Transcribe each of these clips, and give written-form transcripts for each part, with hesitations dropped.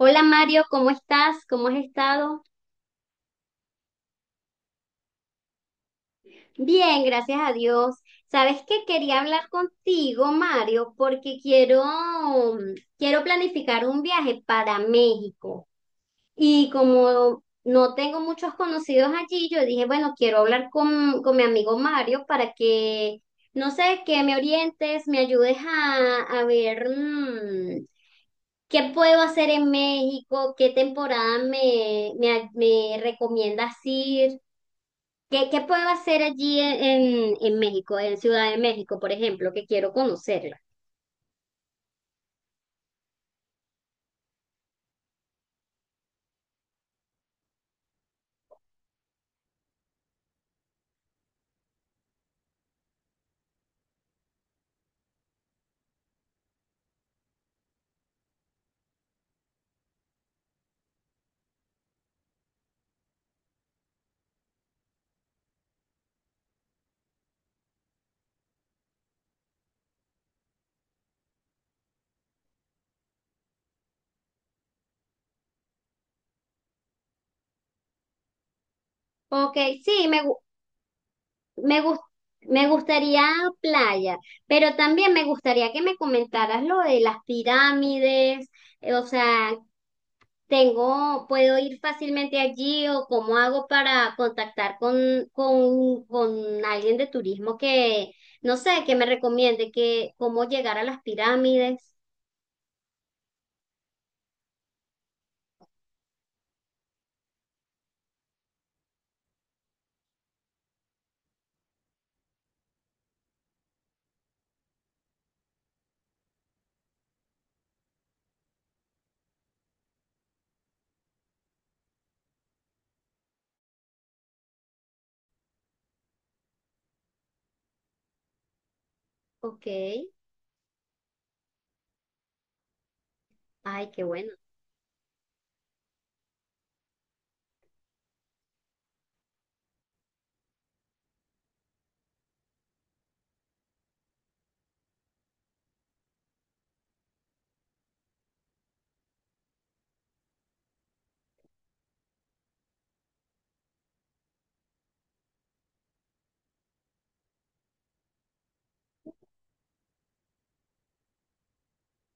Hola Mario, ¿cómo estás? ¿Cómo has estado? Bien, gracias a Dios. ¿Sabes qué? Quería hablar contigo, Mario, porque quiero planificar un viaje para México. Y como no tengo muchos conocidos allí, yo dije, bueno, quiero hablar con mi amigo Mario para que, no sé, que me orientes, me ayudes a ver, ¿qué puedo hacer en México? ¿Qué temporada me recomiendas ir? ¿Qué puedo hacer allí en México, en Ciudad de México, por ejemplo, que quiero conocerla? Ok, sí, me, gus- me gustaría playa, pero también me gustaría que me comentaras lo de las pirámides, o sea, tengo, ¿puedo ir fácilmente allí o cómo hago para contactar con alguien de turismo que, no sé, que me recomiende que cómo llegar a las pirámides? Ok, ay, qué bueno.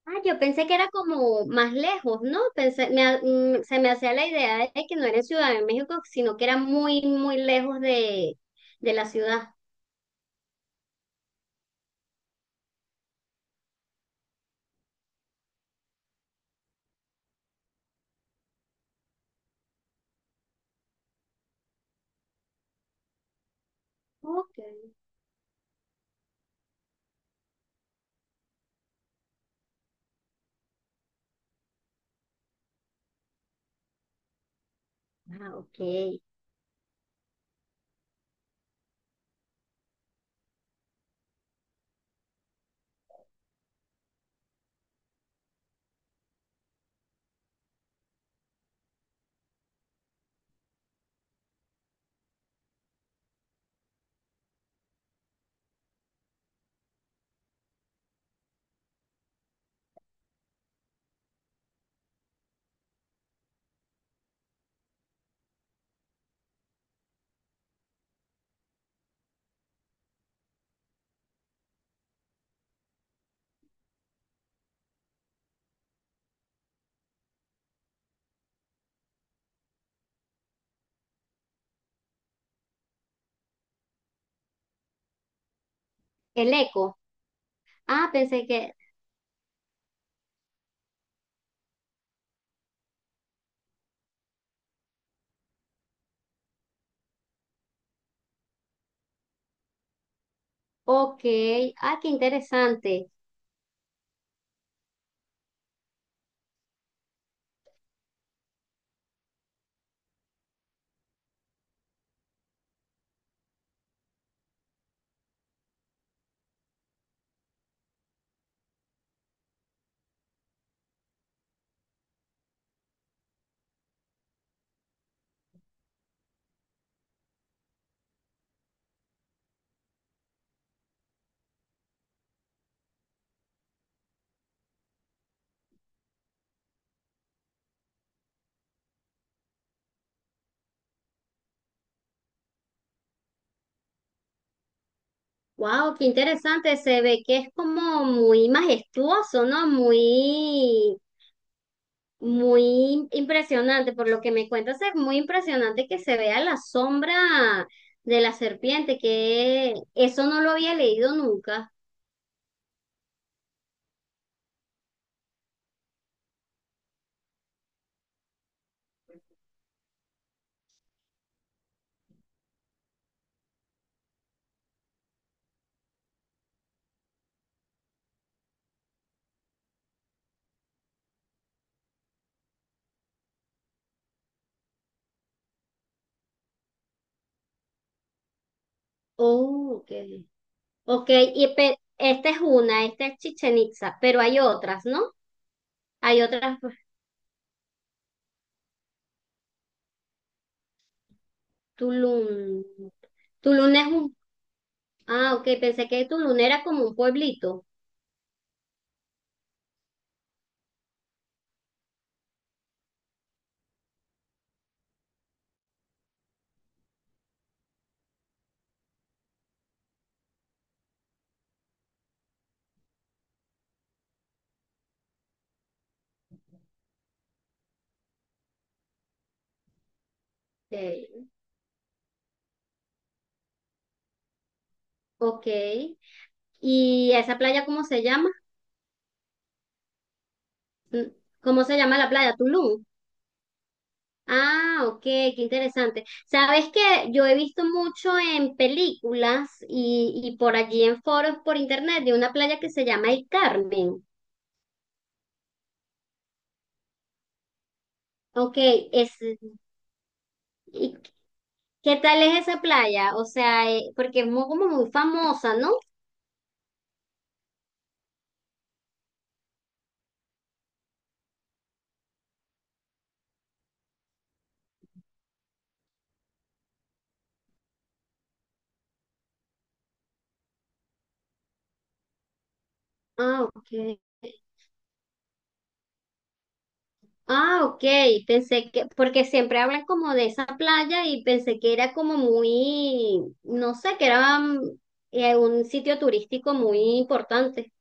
Ah, yo pensé que era como más lejos, ¿no? Pensé, se me hacía la idea de que no era en Ciudad de México, sino que era muy lejos de la ciudad. Ok. Ah, ok. El eco. Ah, pensé que, ok. Ah, qué interesante. Wow, qué interesante. Se ve que es como muy majestuoso, ¿no? Muy impresionante, por lo que me cuentas, es muy impresionante que se vea la sombra de la serpiente, que eso no lo había leído nunca. Oh, ok. Ok, y esta es una, esta es Chichen Itza, pero hay otras, ¿no? Hay otras, pues, Tulum. Tulum es un... Ah, ok, pensé que Tulum era como un pueblito. Ok. Ok. ¿Y esa playa cómo se llama? ¿Cómo se llama la playa? Tulum. Ah, ok, qué interesante. Sabes que yo he visto mucho en películas y por allí en foros por internet de una playa que se llama El Carmen. Ok, es, ¿y qué tal es esa playa? O sea, porque es muy, como muy famosa, ¿no? Ah, ok. Ah, ok, pensé que, porque siempre hablan como de esa playa y pensé que era como muy, no sé, que era un sitio turístico muy importante.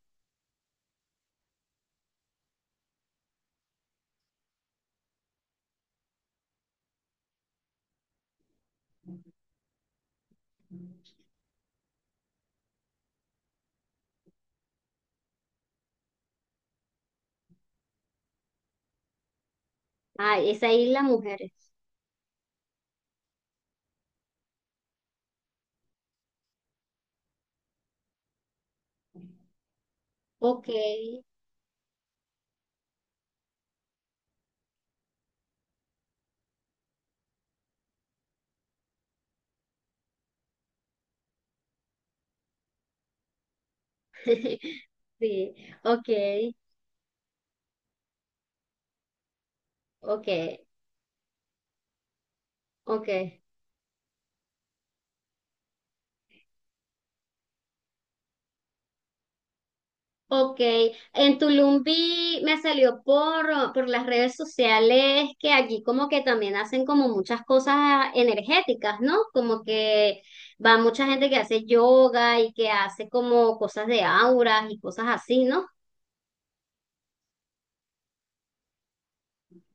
Ah, esa isla, mujer. Ok, sí, ok, ok, ok, ok. En Tulum vi, me salió por las redes sociales que allí como que también hacen como muchas cosas energéticas, ¿no? Como que va mucha gente que hace yoga y que hace como cosas de auras y cosas así, ¿no?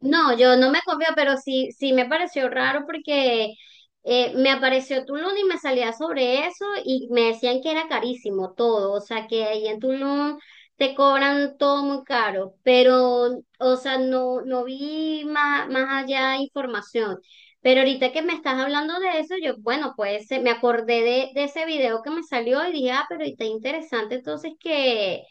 No, yo no me confío, pero sí, sí me pareció raro porque me apareció Tulum y me salía sobre eso y me decían que era carísimo todo, o sea que ahí en Tulum te cobran todo muy caro, pero, o sea, no, no vi más, más allá información. Pero ahorita que me estás hablando de eso, yo, bueno, pues me acordé de ese video que me salió y dije, ah, pero está interesante entonces que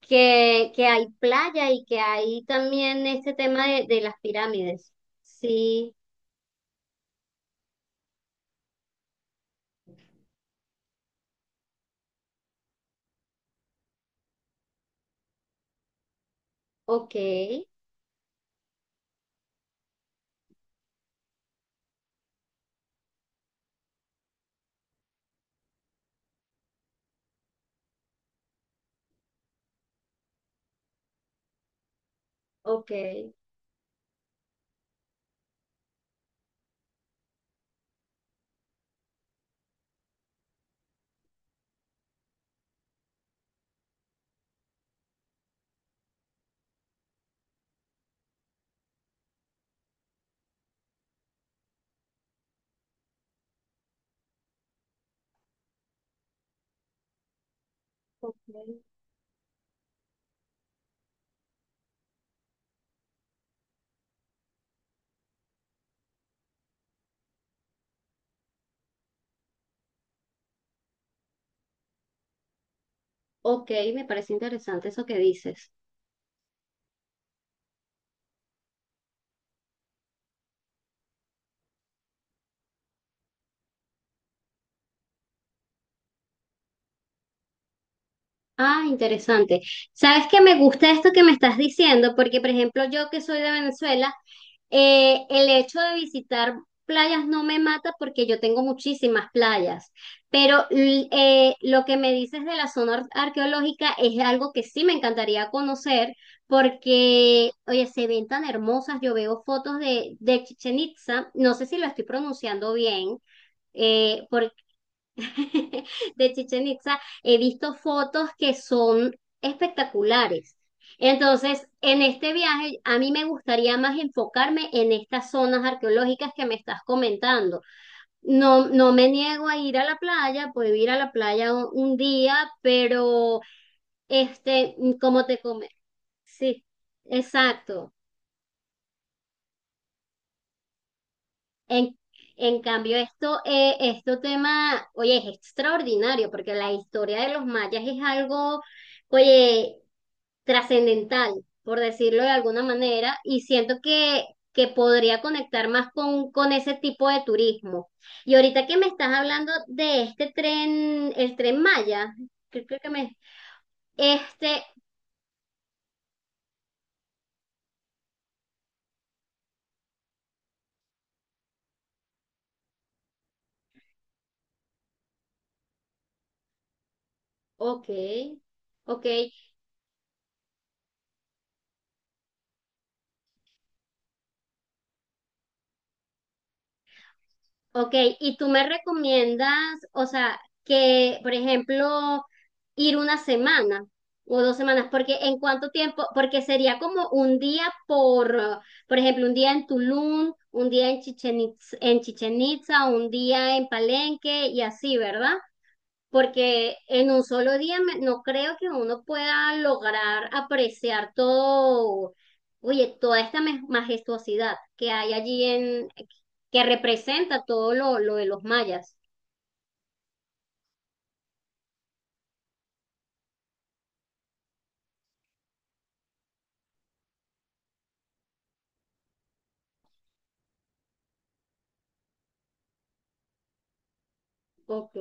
que, que hay playa y que hay también este tema de las pirámides. Sí, ok, ok, ok, ok, me parece interesante eso que dices. Ah, interesante. ¿Sabes que me gusta esto que me estás diciendo? Porque, por ejemplo, yo que soy de Venezuela, eh, el hecho de visitar playas no me mata porque yo tengo muchísimas playas, pero lo que me dices de la zona arqueológica es algo que sí me encantaría conocer porque, oye, se ven tan hermosas, yo veo fotos de Chichen Itza, no sé si lo estoy pronunciando bien, de Chichen Itza, he visto fotos que son espectaculares. Entonces, en este viaje, a mí me gustaría más enfocarme en estas zonas arqueológicas que me estás comentando. No, no me niego a ir a la playa, puedo ir a la playa un día, pero este, como te come, sí, exacto. En, en cambio, esto, esto tema, oye, es extraordinario, porque la historia de los mayas es algo, oye, trascendental, por decirlo de alguna manera, y siento que podría conectar más con ese tipo de turismo. Y ahorita que me estás hablando de este tren, el tren Maya, creo que me... Este, ok, ok, ok, y tú me recomiendas, o sea, que, por ejemplo, ir una semana o dos semanas, porque en cuánto tiempo, porque sería como un día por ejemplo, un día en Tulum, un día en en Chichen Itza, un día en Palenque y así, ¿verdad? Porque en un solo día no creo que uno pueda lograr apreciar todo, oye, toda esta majestuosidad que hay allí en, que representa todo lo de los mayas. Ok,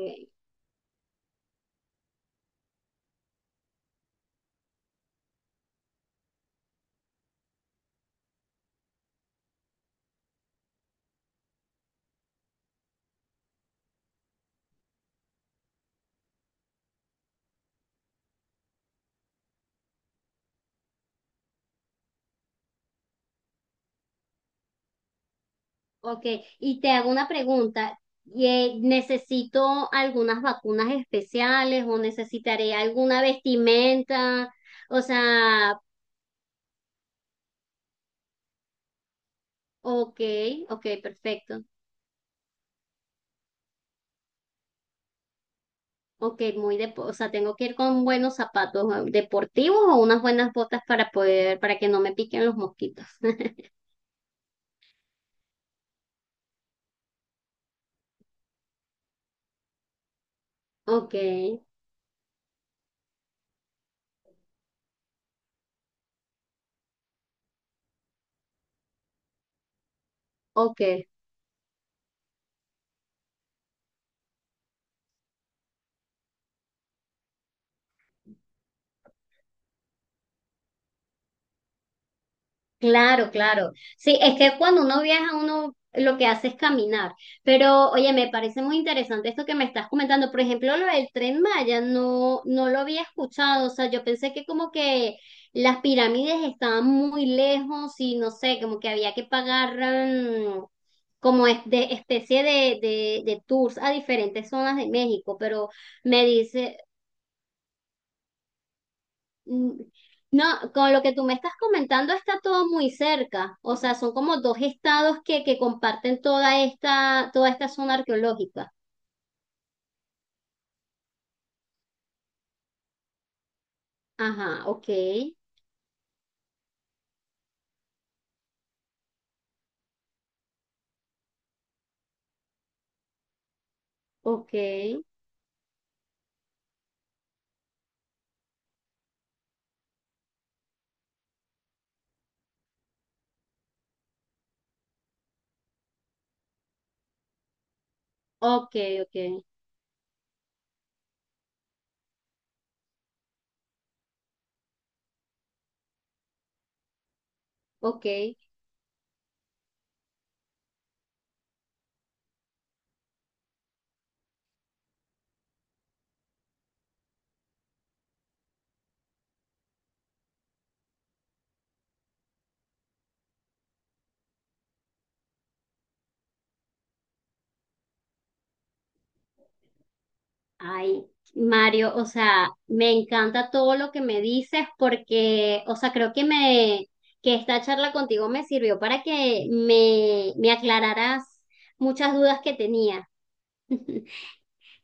ok. Y te hago una pregunta. Y, ¿necesito algunas vacunas especiales o necesitaré alguna vestimenta? O sea, ok, ok, perfecto. Ok, muy de, o sea, tengo que ir con buenos zapatos deportivos o unas buenas botas para poder, para que no me piquen los mosquitos. Ok, ok. Claro, claro. Sí, es que cuando uno viaja, uno lo que hace es caminar. Pero, oye, me parece muy interesante esto que me estás comentando. Por ejemplo, lo del Tren Maya, no, no lo había escuchado. O sea, yo pensé que como que las pirámides estaban muy lejos y no sé, como que había que pagar como de especie de tours a diferentes zonas de México. Pero me dice, Mm, no, con lo que tú me estás comentando está todo muy cerca. O sea, son como dos estados que comparten toda esta zona arqueológica. Ajá, ok, ok, ok, ok, ok. Ay, Mario, o sea, me encanta todo lo que me dices porque, o sea, creo que me, que esta charla contigo me sirvió para que me aclararas muchas dudas que tenía.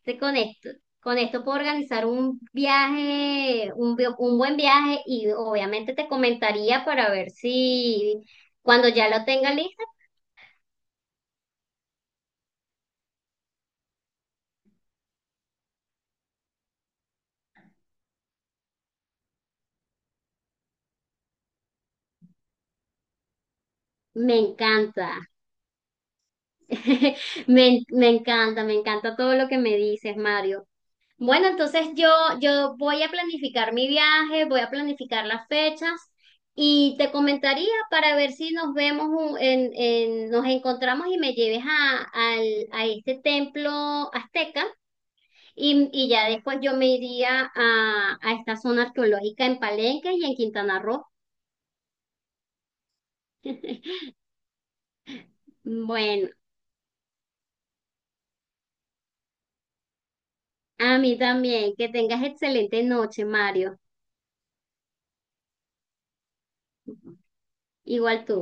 Te conecto. Con esto puedo organizar un viaje, un, un buen viaje y obviamente te comentaría para ver si cuando ya lo tenga lista, me encanta. Me encanta todo lo que me dices, Mario. Bueno, entonces yo voy a planificar mi viaje, voy a planificar las fechas y te comentaría para ver si nos vemos, en, nos encontramos y me lleves a, a este templo azteca y ya después yo me iría a esta zona arqueológica en Palenque y en Quintana Roo. Bueno, a mí también. Que tengas excelente noche, Mario. Igual tú.